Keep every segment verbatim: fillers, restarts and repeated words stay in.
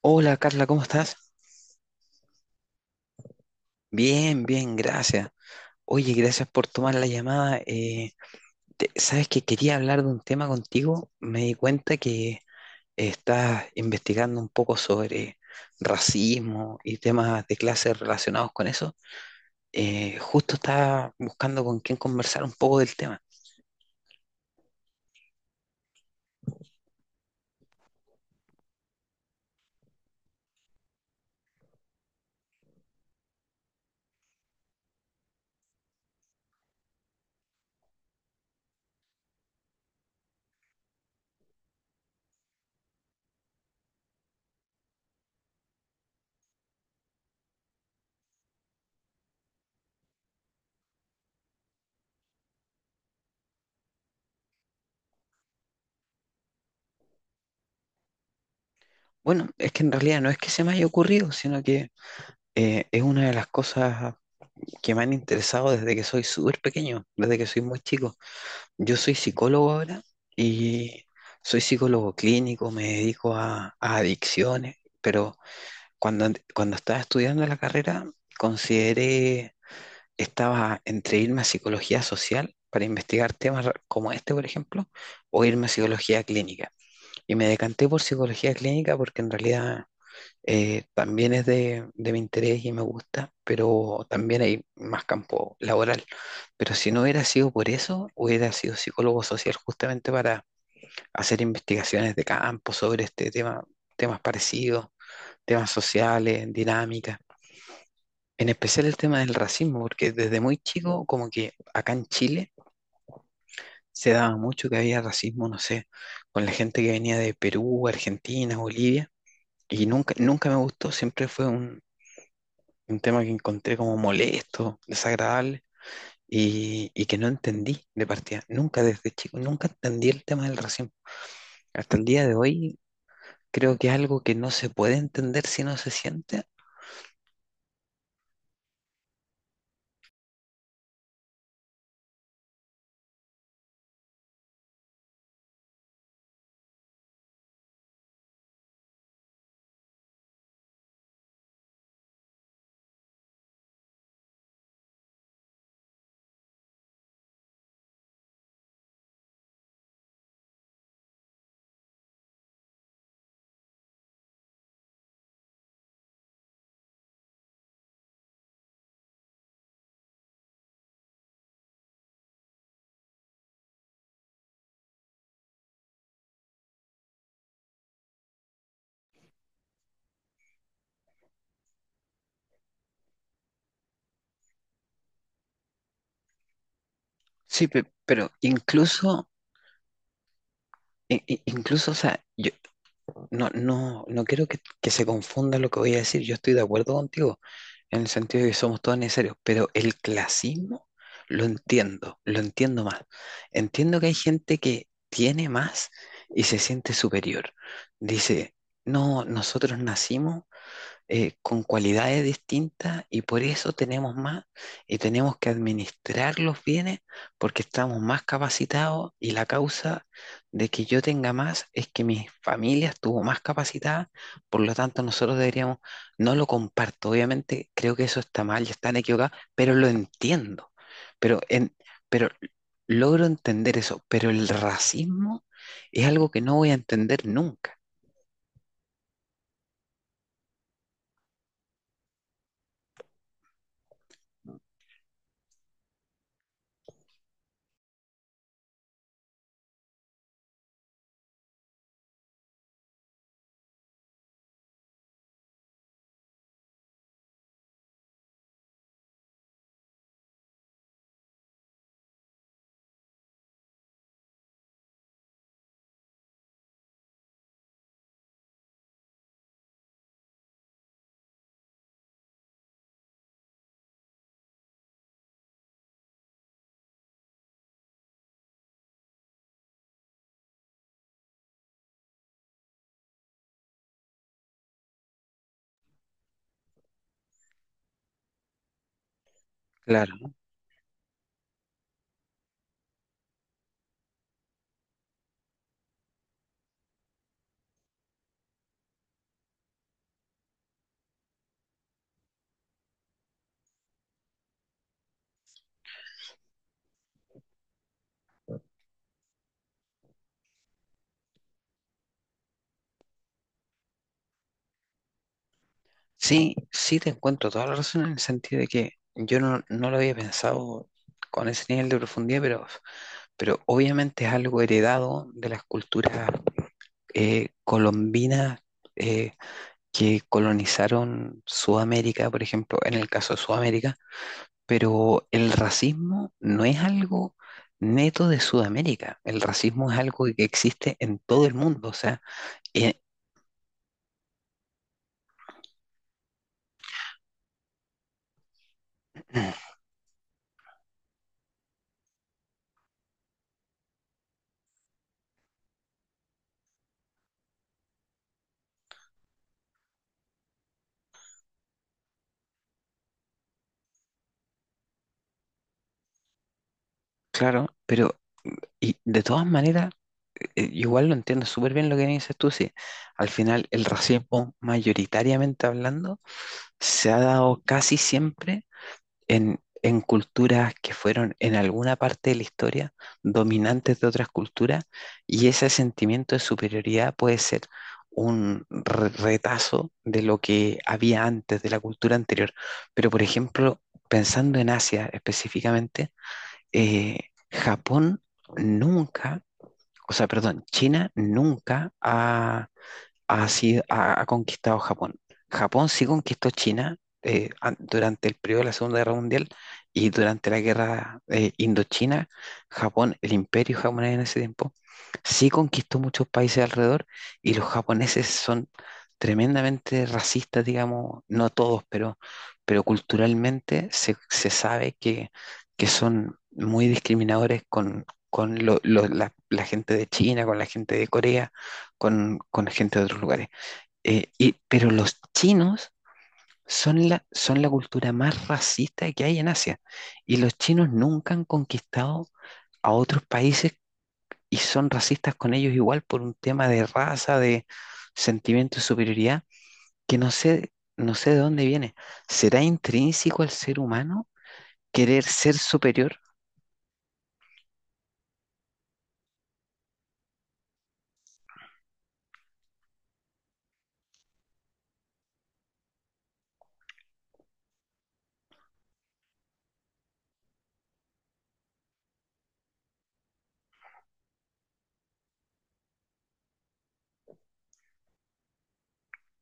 Hola Carla, ¿cómo estás? Bien, bien, gracias. Oye, gracias por tomar la llamada. Eh, te- sabes que quería hablar de un tema contigo. Me di cuenta que estás investigando un poco sobre racismo y temas de clase relacionados con eso. Eh, justo estaba buscando con quién conversar un poco del tema. Bueno, es que en realidad no es que se me haya ocurrido, sino que eh, es una de las cosas que me han interesado desde que soy súper pequeño, desde que soy muy chico. Yo soy psicólogo ahora y soy psicólogo clínico, me dedico a, a adicciones, pero cuando, en- cuando estaba estudiando la carrera consideré, estaba entre irme a psicología social para investigar temas ra- como este, por ejemplo, o irme a psicología clínica. Y me decanté por psicología clínica porque en realidad eh, también es de, de mi interés y me gusta, pero también hay más campo laboral. Pero si no hubiera sido por eso, hubiera sido psicólogo social justamente para hacer investigaciones de campo sobre este tema, temas parecidos, temas sociales, dinámicas. En especial el tema del racismo, porque desde muy chico, como que acá en Chile se daba mucho que había racismo, no sé, con la gente que venía de Perú, Argentina, Bolivia. Y nunca, nunca me gustó, siempre fue un, un tema que encontré como molesto, desagradable y, y que no entendí de partida. Nunca desde chico, nunca entendí el tema del racismo. Hasta el día de hoy creo que es algo que no se puede entender si no se siente. Sí, pe- pero incluso, i- i- incluso, o sea, yo no, no, no quiero que, que se confunda lo que voy a decir. Yo estoy de acuerdo contigo en el sentido de que somos todos necesarios, pero el clasismo lo entiendo, lo entiendo más. Entiendo que hay gente que tiene más y se siente superior. Dice, no, nosotros nacimos eh, con cualidades distintas y por eso tenemos más y tenemos que administrar los bienes porque estamos más capacitados y la causa de que yo tenga más es que mi familia estuvo más capacitada, por lo tanto nosotros deberíamos, no lo comparto, obviamente creo que eso está mal y están equivocados, pero lo entiendo, pero, en, pero logro entender eso, pero el racismo es algo que no voy a entender nunca. Claro. Sí, sí te encuentro toda la razón en el sentido de que yo no, no lo había pensado con ese nivel de profundidad, pero, pero obviamente es algo heredado de las culturas eh, colombinas, eh, que colonizaron Sudamérica, por ejemplo, en el caso de Sudamérica, pero el racismo no es algo neto de Sudamérica, el racismo es algo que existe en todo el mundo, o sea, eh, claro, pero y de todas maneras, eh, eh, igual lo entiendo súper bien lo que dices tú, sí. Al final, el racismo, mayoritariamente hablando, se ha dado casi siempre en, en culturas que fueron en alguna parte de la historia dominantes de otras culturas, y ese sentimiento de superioridad puede ser un re- retazo de lo que había antes, de la cultura anterior. Pero, por ejemplo, pensando en Asia específicamente, eh, Japón nunca, o sea, perdón, China nunca ha, ha, sido- ha, ha conquistado Japón. Japón sí conquistó China, eh, an- durante el periodo de la Segunda Guerra Mundial y durante la Guerra, eh, Indochina. Japón, el imperio japonés en ese tiempo, sí conquistó muchos países alrededor y los japoneses son tremendamente racistas, digamos, no todos, pero, pero culturalmente se, se sabe que, que son muy discriminadores con... con lo- lo- la la gente de China, con la gente de Corea, con, con gente de otros lugares. Eh, y, pero los chinos son la, son la cultura más racista que hay en Asia. Y los chinos nunca han conquistado a otros países y son racistas con ellos igual por un tema de raza, de sentimiento de superioridad, que no sé, no sé de dónde viene. ¿Será intrínseco al ser humano querer ser superior?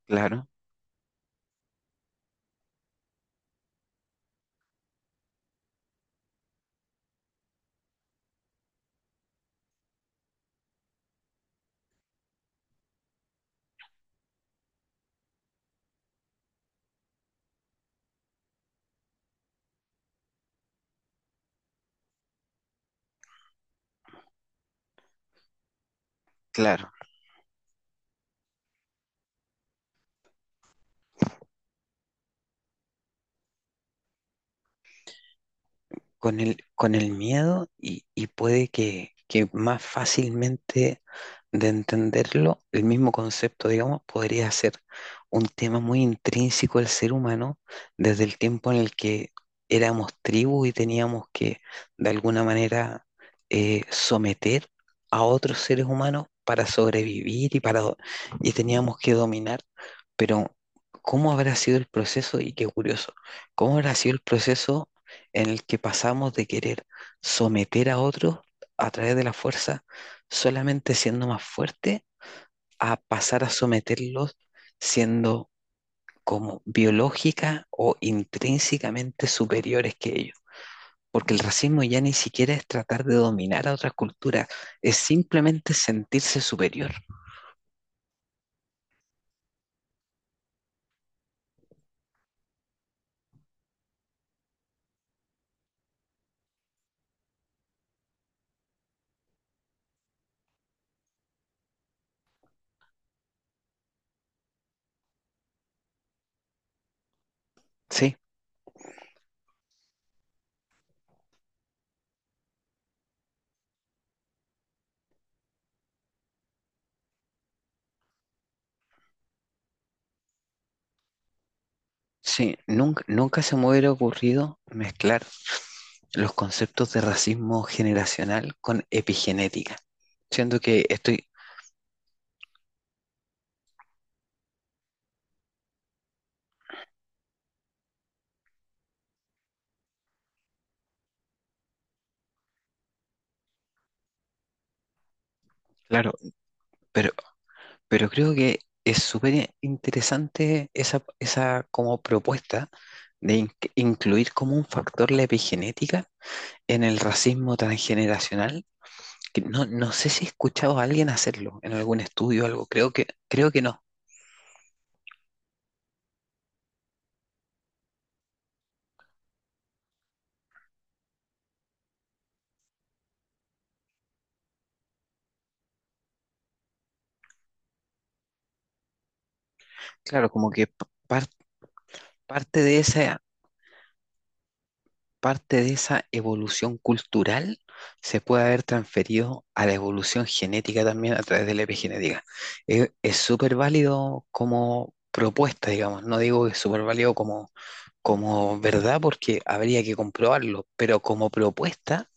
Claro, claro. Con el, con el miedo y, y puede que, que más fácilmente de entenderlo, el mismo concepto, digamos, podría ser un tema muy intrínseco del ser humano desde el tiempo en el que éramos tribu y teníamos que, de alguna manera, eh, someter a otros seres humanos para sobrevivir y, para, do- y teníamos que dominar, pero ¿cómo habrá sido el proceso? Y qué curioso, ¿cómo habrá sido el proceso en el que pasamos de querer someter a otros a través de la fuerza solamente siendo más fuerte a pasar a someterlos siendo como biológica o intrínsecamente superiores que ellos. Porque el racismo ya ni siquiera es tratar de dominar a otras culturas, es simplemente sentirse superior. Sí, sí, nunca, nunca se me hubiera ocurrido mezclar los conceptos de racismo generacional con epigenética. Siento que estoy, claro, pero, pero creo que es súper interesante esa, esa como propuesta de in- incluir como un factor la epigenética en el racismo transgeneracional. Que no, no sé si he escuchado a alguien hacerlo en algún estudio o algo, creo que, creo que no. Claro, como que par- parte de esa parte de esa evolución cultural se puede haber transferido a la evolución genética también a través de la epigenética. Es es súper válido como propuesta, digamos. No digo que es súper válido como, como verdad porque habría que comprobarlo, pero como propuesta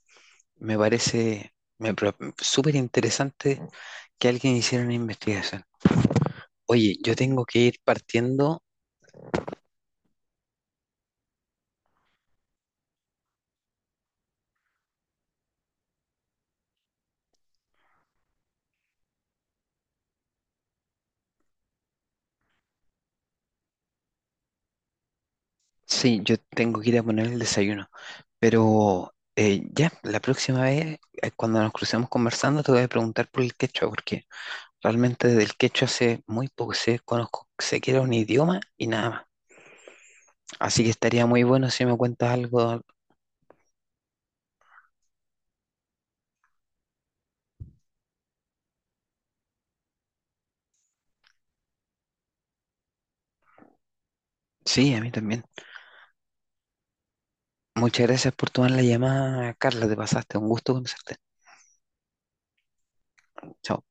me parece, me pro- súper interesante que alguien hiciera una investigación. Oye, yo tengo que ir partiendo. Sí, yo tengo que ir a poner el desayuno. Pero eh, ya, la próxima vez, eh, cuando nos crucemos conversando, te voy a preguntar por el quechua, porque realmente del quechua sé muy poco, sé, conozco, sé que era un idioma y nada más. Así que estaría muy bueno si me cuentas algo. Sí, a mí también. Muchas gracias por tomar la llamada, Carla, te pasaste, un gusto conocerte. Chao.